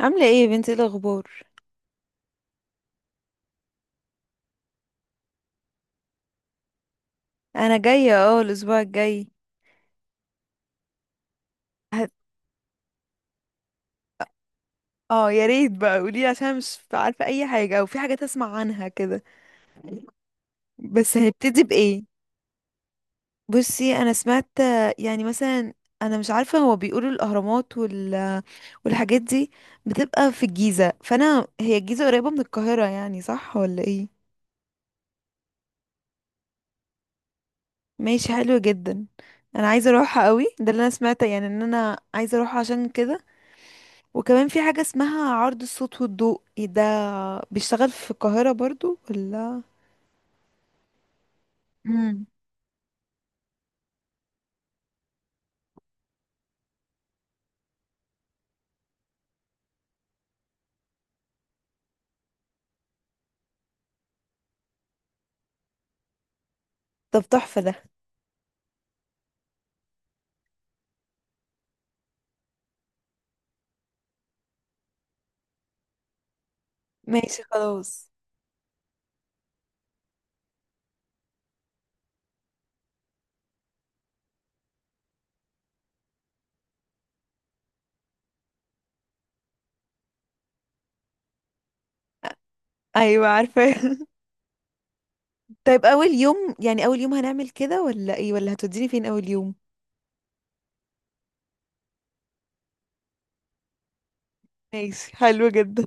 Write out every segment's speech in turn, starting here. عاملة ايه يا بنتي، ايه الأخبار؟ أنا جاية الأسبوع الجاي. هت- اه، يا ريت بقى قوليلي عشان مش عارفة أي حاجة، أو في حاجات أسمع عنها كده. بس هنبتدي بإيه؟ بصي، أنا سمعت، يعني مثلا، أنا مش عارفة، هو بيقولوا الأهرامات والحاجات دي بتبقى في الجيزة، فأنا، هي الجيزة قريبة من القاهرة يعني، صح ولا ايه؟ ماشي، حلو جدا. أنا عايزة أروحها قوي، ده اللي أنا سمعته، يعني إن أنا عايزة أروحها عشان كده. وكمان في حاجة اسمها عرض الصوت والضوء، إيه ده؟ بيشتغل في القاهرة برضو ولا؟ امم. طب تحفة ده. ماشي خلاص. ايوه عارفة طيب اول يوم، يعني اول يوم هنعمل كده ولا ايه، ولا هتوديني فين اول يوم؟ ماشي، حلو جدا.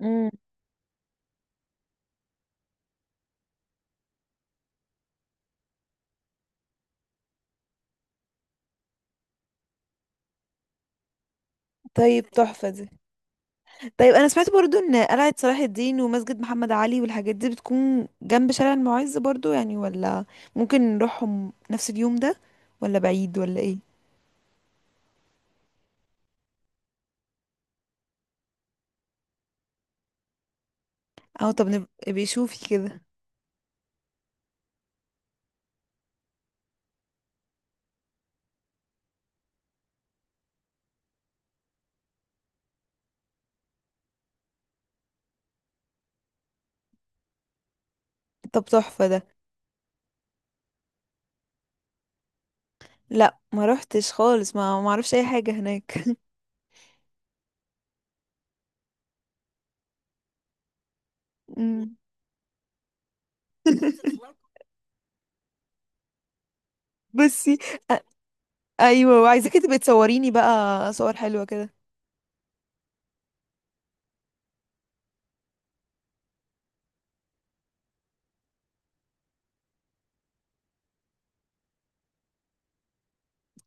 امم. طيب تحفة دي. طيب انا سمعت برضو ان قلعة صلاح الدين ومسجد محمد علي والحاجات دي بتكون جنب شارع المعز برضو يعني، ولا ممكن نروحهم نفس اليوم ده، ولا بعيد ولا ايه؟ اه طب نبقى بيشوفي كده. طب تحفة ده. لا، ما روحتش خالص، ما اعرفش اي حاجة هناك. مم. بصي، أ- ايوه، وعايزاكي تبقي تصوريني بقى صور حلوة كده.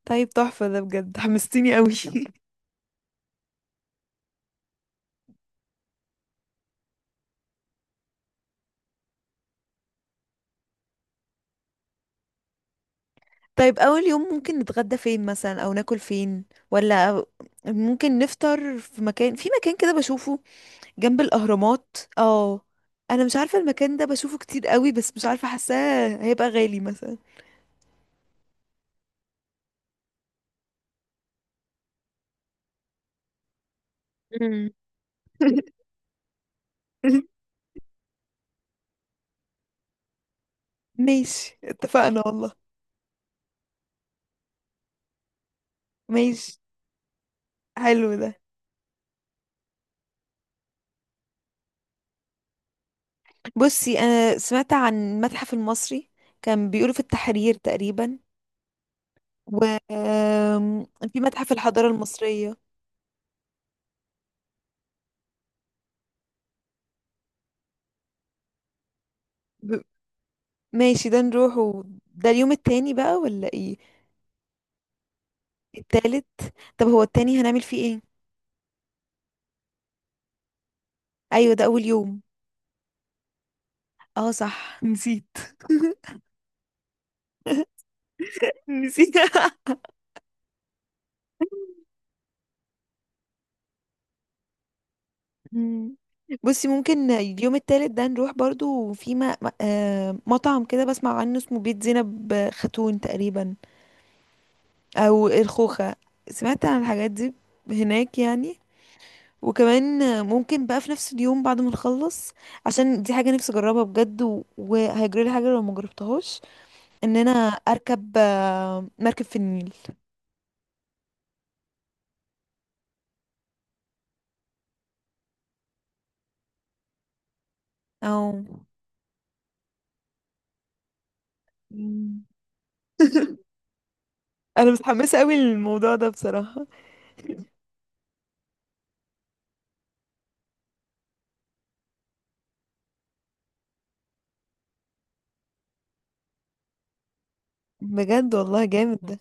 طيب تحفة ده، بجد حمستيني قوي. طيب اول يوم ممكن نتغدى فين مثلا، او ناكل فين، ولا ممكن نفطر في مكان كده بشوفه جنب الاهرامات اه. انا مش عارفة المكان ده، بشوفه كتير قوي، بس مش عارفة، حاساه هيبقى غالي مثلا. مم. ماشي اتفقنا والله. ماشي، حلو ده. بصي انا سمعت عن المتحف المصري، كان بيقولوا في التحرير تقريبا، و آم، في متحف الحضارة المصرية. ب... ماشي، ده نروح ده اليوم التاني بقى ولا ايه؟ التالت. طب هو التاني هنعمل فيه ايه؟ ايوه ده اول يوم. اه صح، نسيت. نسيت مم. بصي، ممكن اليوم التالت ده نروح برضو في مطعم كده بسمع عنه، اسمه بيت زينب خاتون تقريبا، او الخوخة. سمعت عن الحاجات دي هناك يعني. وكمان ممكن بقى في نفس اليوم بعد ما نخلص، عشان دي حاجة نفسي اجربها بجد، وهيجري لي حاجة لو ما جربتهاش. ان انا اركب مركب في النيل. او. مم. انا متحمسة قوي للموضوع ده بصراحة. بجد والله، جامد ده.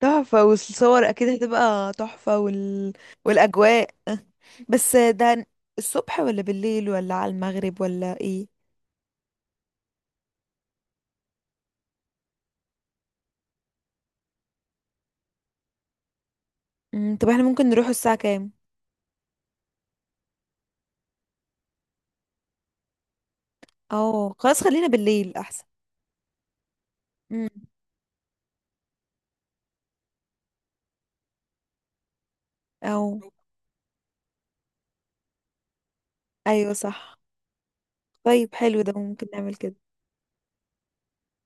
تحفة، والصور اكيد هتبقى تحفة، والاجواء. بس ده الصبح ولا بالليل ولا على المغرب ولا ايه؟ مم. طب احنا ممكن نروح الساعة كام؟ اه، خلاص، خلينا بالليل احسن. مم. او، ايوه صح. طيب حلو ده، ممكن نعمل كده.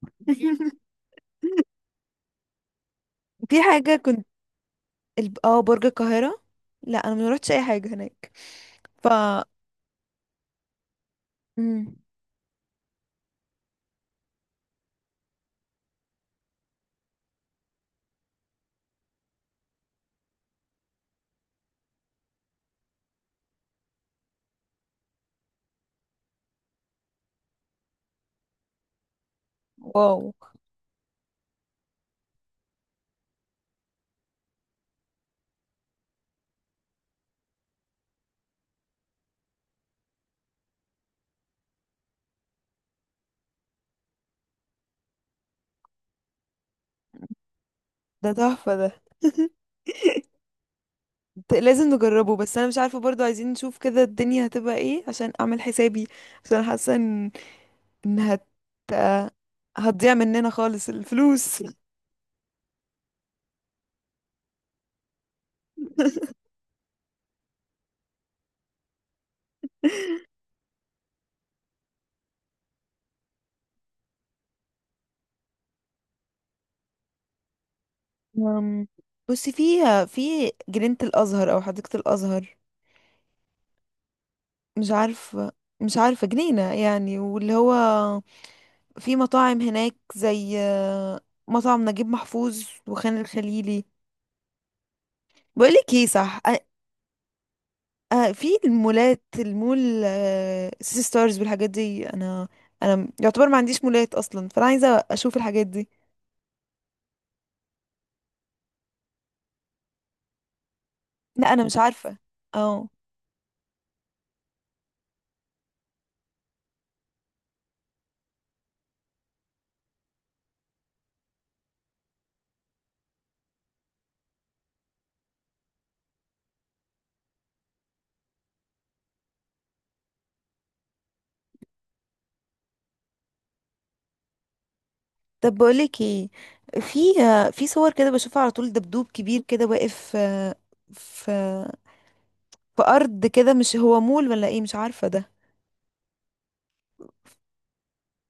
في حاجة كنت برج القاهرة. لا انا ما روحتش اي حاجة هناك. ف. مم. واو. ده تحفة ده لازم نجربه، بس انا مش عارفة برضو، عايزين نشوف كده الدنيا هتبقى ايه عشان اعمل حسابي، عشان حاسة ان إن هت هتضيع مننا خالص الفلوس. أم، بصي فيها، في جنينة الأزهر أو حديقة الأزهر. مش عارفة مش عارفة. جنينة يعني، واللي هو في مطاعم هناك زي مطعم نجيب محفوظ وخان الخليلي. بقولك ايه، صح. في المول، سيتي ستارز والحاجات دي. انا، يعتبر ما عنديش مولات اصلا، فانا عايزة اشوف الحاجات دي. لا انا مش عارفة. اه طب بقولك ايه. في في صور كده بشوفها على طول، دبدوب كبير كده واقف في في ارض كده، مش هو مول ولا ايه، مش عارفه ده.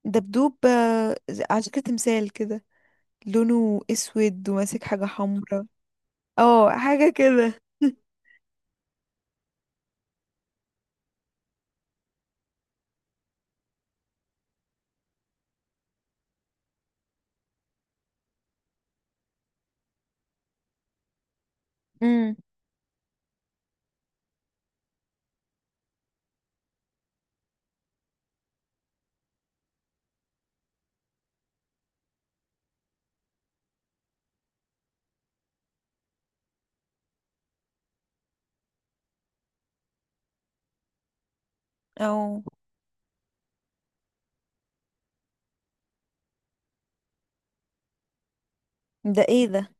دبدوب على شكل تمثال كده، لونه اسود وماسك حاجه حمراء. اه، حاجه كده امم. او، ده ايه ده.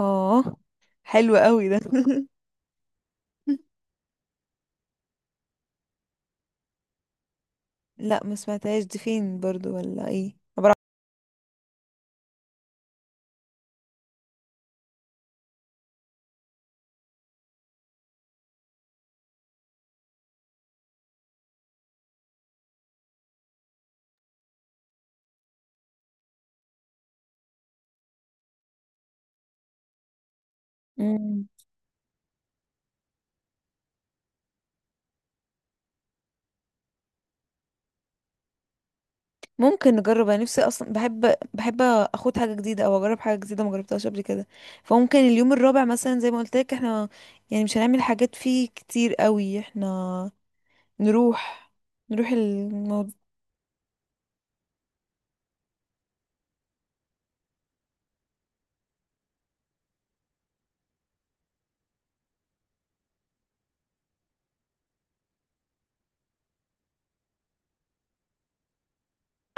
اه، حلو قوي ده لا ما سمعتهاش، دي فين برضو ولا ايه، مم. ممكن نجرب، انا نفسي اصلا بحب اخد حاجه جديده او اجرب حاجه جديده ما جربتهاش قبل كده. فممكن اليوم الرابع مثلا، زي ما قلت لك احنا، يعني مش هنعمل حاجات فيه كتير قوي. احنا نروح نروح الموضوع.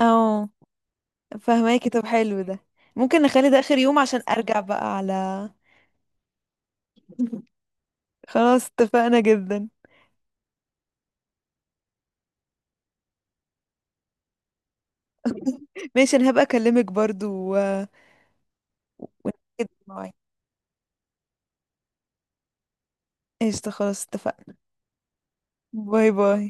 اه، فهماكي. طب حلو ده، ممكن نخلي ده اخر يوم عشان ارجع بقى على. خلاص اتفقنا جدا. ماشي، انا هبقى اكلمك برضو و... ونأكد المواعيد. قشطة، خلاص اتفقنا. باي باي.